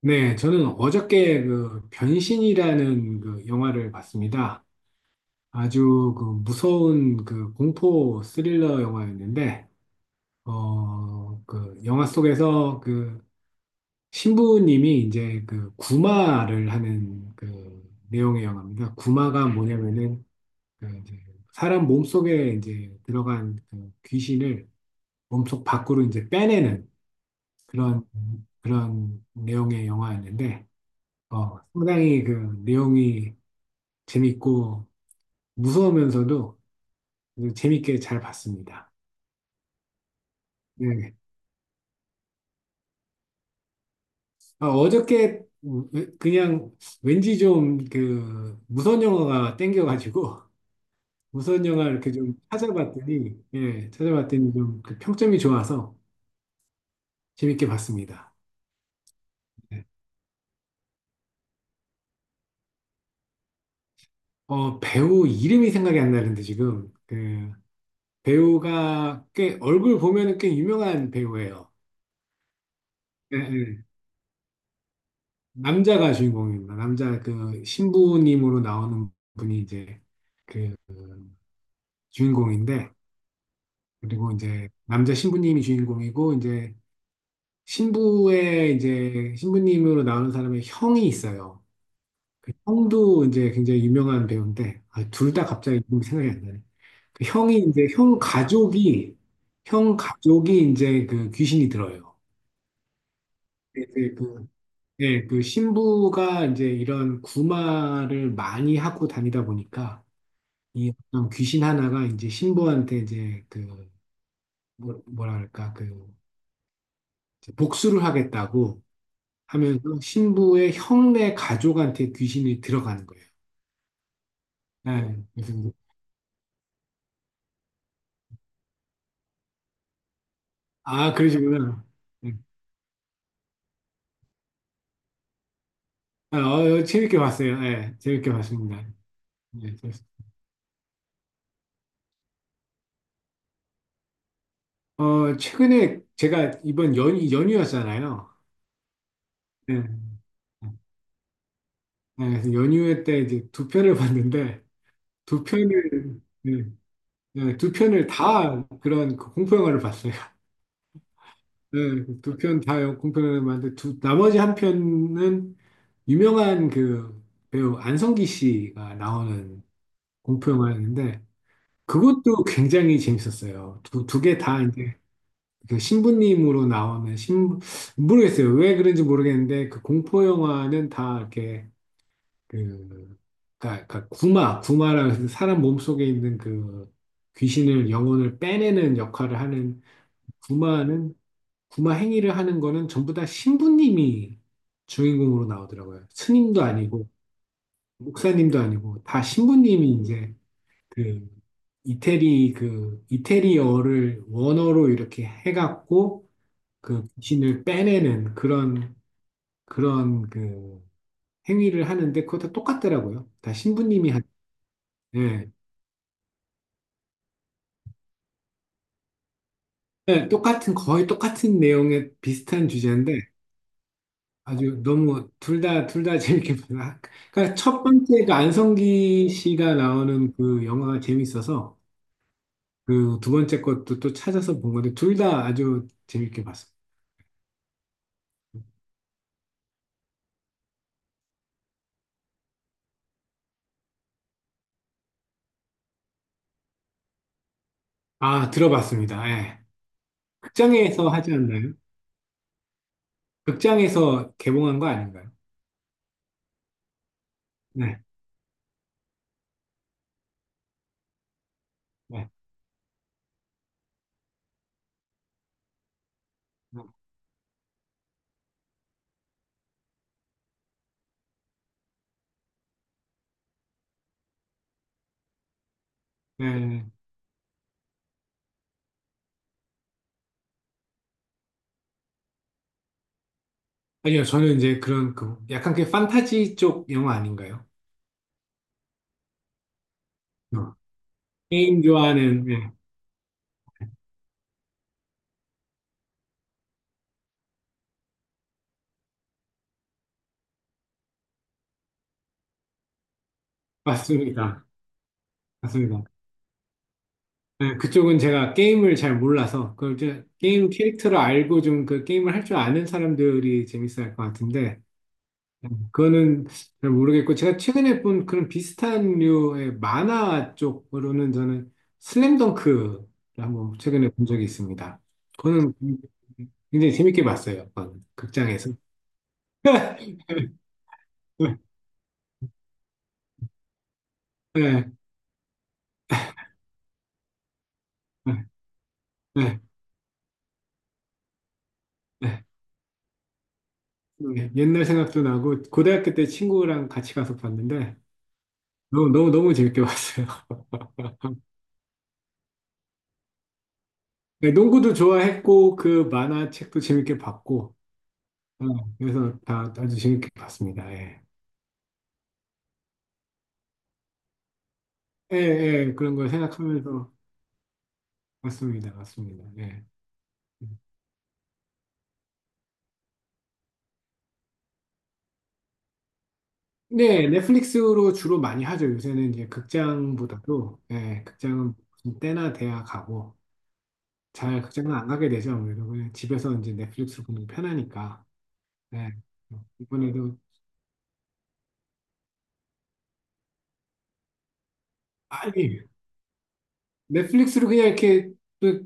네, 저는 어저께 그 변신이라는 그 영화를 봤습니다. 아주 그 무서운 그 공포 스릴러 영화였는데, 그 영화 속에서 그 신부님이 이제 그 구마를 하는 그 내용의 영화입니다. 구마가 뭐냐면은 그 이제 사람 몸속에 이제 들어간 그 귀신을 몸속 밖으로 이제 빼내는 그런 그런 내용의 영화였는데, 상당히 그 내용이 재밌고 무서우면서도 재밌게 잘 봤습니다. 네. 아, 어저께 그냥 왠지 좀 그 무서운 영화가 땡겨가지고 무서운 영화 이렇게 좀 찾아봤더니 예, 찾아봤더니 좀 그 평점이 좋아서 재밌게 봤습니다. 네. 배우 이름이 생각이 안 나는데 지금 그 배우가 꽤 얼굴 보면은 꽤 유명한 배우예요. 예, 예. 남자가 주인공입니다. 남자 그 신부님으로 나오는 분이 이제 그 주인공인데 그리고 이제 남자 신부님이 주인공이고 이제 신부의 이제 신부님으로 나오는 사람의 형이 있어요. 그 형도 이제 굉장히 유명한 배우인데 아, 둘다 갑자기 이름이 생각이 안 나네. 그 형이 이제 형 가족이 이제 그 귀신이 들어요. 네 네, 예, 그 신부가 이제 이런 구마를 많이 하고 다니다 보니까 이 어떤 귀신 하나가 이제 신부한테 이제 그 뭐랄까 그 이제 복수를 하겠다고 하면서 신부의 형네 가족한테 귀신이 들어가는 거예요. 예, 그래서. 아 그러시구나. 예. 아, 재밌게 봤어요. 예, 재밌게 봤습니다. 예. 최근에 제가 이번 연휴였잖아요. 예, 예, 그래서 연휴 때 이제 2편을 봤는데 두 편을 예, 예, 2편을 다 그런 그 공포 영화를 봤어요. 네, 2편 다 공편을 만든 두 나머지 1편은 유명한 그 배우 안성기 씨가 나오는 공포영화였는데 그것도 굉장히 재밌었어요. 2개 다 이제 그 신부님으로 나오는 신 모르겠어요. 왜 그런지 모르겠는데 그 공포영화는 다 이렇게 그 그러니까 구마라는 사람 몸속에 있는 그 귀신을 영혼을 빼내는 역할을 하는 구마는 구마 행위를 하는 거는 전부 다 신부님이 주인공으로 나오더라고요. 스님도 아니고 목사님도 아니고 다 신부님이 이제 그 이태리어를 원어로 이렇게 해갖고 그 귀신을 빼내는 그런 그 행위를 하는데 그거 다 똑같더라고요. 다 신부님이 한 예. 예, 똑같은 거의 똑같은 내용의 비슷한 주제인데 아주 너무 둘 다, 둘 다 재밌게 봤나? 그러니까 첫 번째가 안성기 씨가 나오는 그 영화가 재밌어서 그 두 번째 것도 또 찾아서 본 건데 둘 다 아주 재밌게 봤습니다. 아, 들어봤습니다. 예. 극장에서 하지 않나요? 극장에서 개봉한 거 아닌가요? 네. 네. 네. 네. 아니요, 저는 이제 그런 그 약간 그 판타지 쪽 영화 아닌가요? 어. 게임 좋아하는, 예. 맞습니다. 맞습니다. 네, 그쪽은 제가 게임을 잘 몰라서 그 이제 게임 캐릭터를 알고 좀 그 게임을 할 줄 아는 사람들이 재밌어 할 것 같은데 네, 그거는 잘 모르겠고 제가 최근에 본 그런 비슷한 류의 만화 쪽으로는 저는 슬램덩크를 한번 최근에 본 적이 있습니다. 그거는 굉장히 재밌게 봤어요. 그건 극장에서. 네, 네, 네, 네. 네, 옛날 생각도 나고 고등학교 때 친구랑 같이 가서 봤는데 너무 너무 너무 재밌게 봤어요. 네, 농구도 좋아했고 그 만화책도 재밌게 봤고 어, 그래서 다 아주 재밌게 봤습니다. 예. 예, 예, 그런 걸 생각하면서 봤습니다. 맞습니다. 예. 네, 넷플릭스로 주로 많이 하죠. 요새는 이제 극장보다도 예, 극장은 무슨 때나 돼야 가고 잘 극장은 안 가게 되죠. 아무래도 그냥 집에서 이제 넷플릭스 보는 게 편하니까. 예. 이번에도 빨리 넷플릭스로 그냥 이렇게 또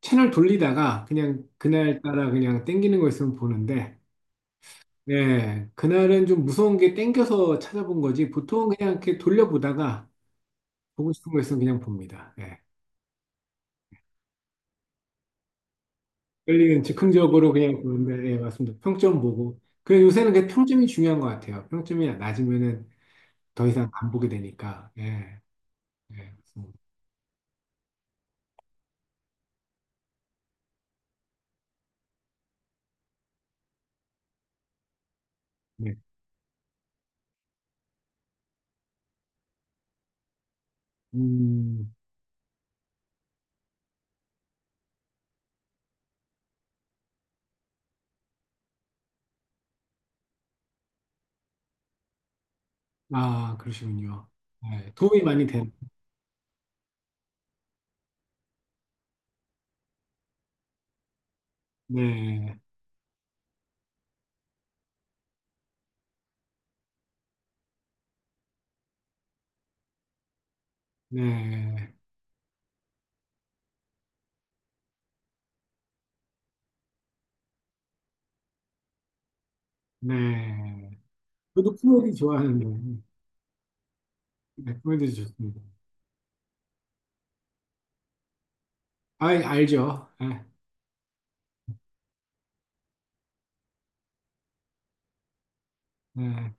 채널 돌리다가 그냥 그날 따라 그냥 땡기는 거 있으면 보는데, 예, 그날은 좀 무서운 게 땡겨서 찾아본 거지, 보통 그냥 이렇게 돌려보다가 보고 싶은 거 있으면 그냥 봅니다. 예. 끌리는 즉흥적으로 그냥 보는데, 예, 맞습니다. 평점 보고. 그래, 요새는 그 평점이 중요한 것 같아요. 평점이 낮으면은 더 이상 안 보게 되니까, 예, 예, 맞습니다. 네. 음, 아, 그러시군요. 네 도움이 많이 되네. 네. 네. 네. 저도 코미디 좋아하는데, 네, 코미디 좋습니다. 아, 알죠. 아, 네,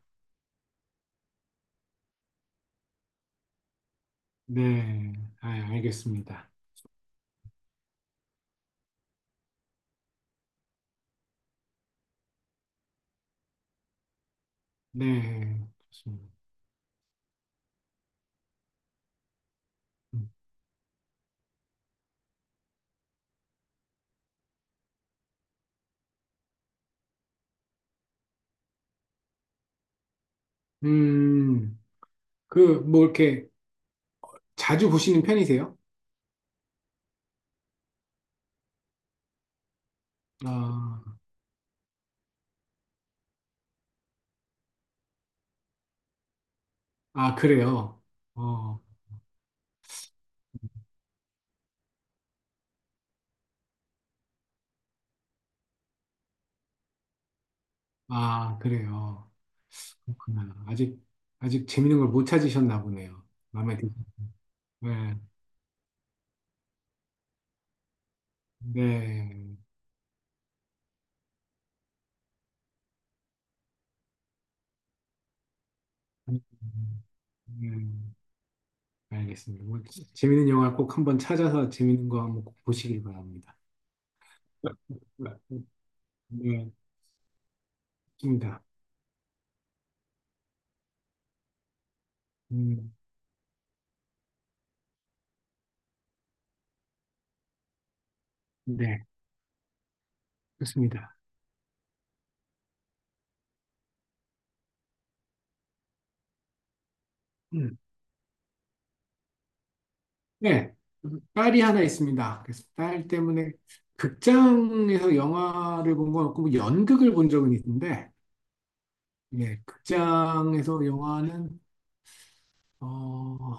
네. 아, 알겠습니다. 네, 좋습니다. 음, 그, 뭐, 이렇게 자주 보시는 편이세요? 아, 아, 그래요. 어, 아, 그래요. 그렇구나. 아직 재밌는 걸 못 찾으셨나 보네요. 마음에 드세요. 네, 네. 음, 네. 알겠습니다. 뭐, 재밌는 영화 꼭 한번 찾아서 재밌는 거 한번 꼭 보시길 바랍니다. 네, 좋습니다. 음, 네, 좋습니다. 음, 네, 딸이 하나 있습니다. 그래서 딸 때문에 극장에서 영화를 본 건 없고 뭐 연극을 본 적은 있는데, 예, 극장에서 영화는 어,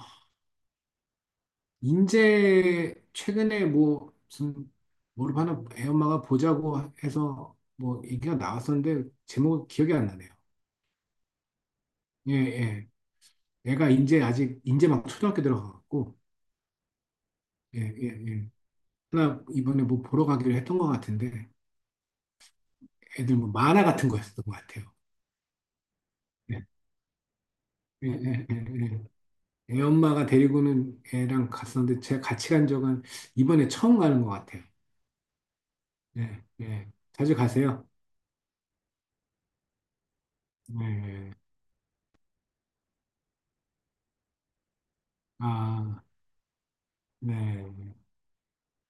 인제 최근에 뭐 무슨 뭐를 하나 애 엄마가 보자고 해서 뭐 얘기가 나왔었는데 제목 기억이 안 나네요. 예, 예. 애가 이제 아직 이제 막 초등학교 들어가고 예, 예, 예. 하나 이번에 뭐 보러 가기로 했던 것 같은데 애들 뭐 만화 같은 거였던 것 같아요. 예, 예, 예, 예. 예. 애 엄마가 데리고는 애랑 갔었는데 제가 같이 간 적은 이번에 처음 가는 것 같아요. 예, 예. 자주 가세요? 네. 예. 아, 네.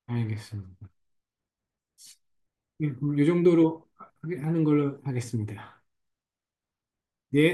알겠습니다. 예, 그럼 이 정도로 하는 걸로 하겠습니다. 예.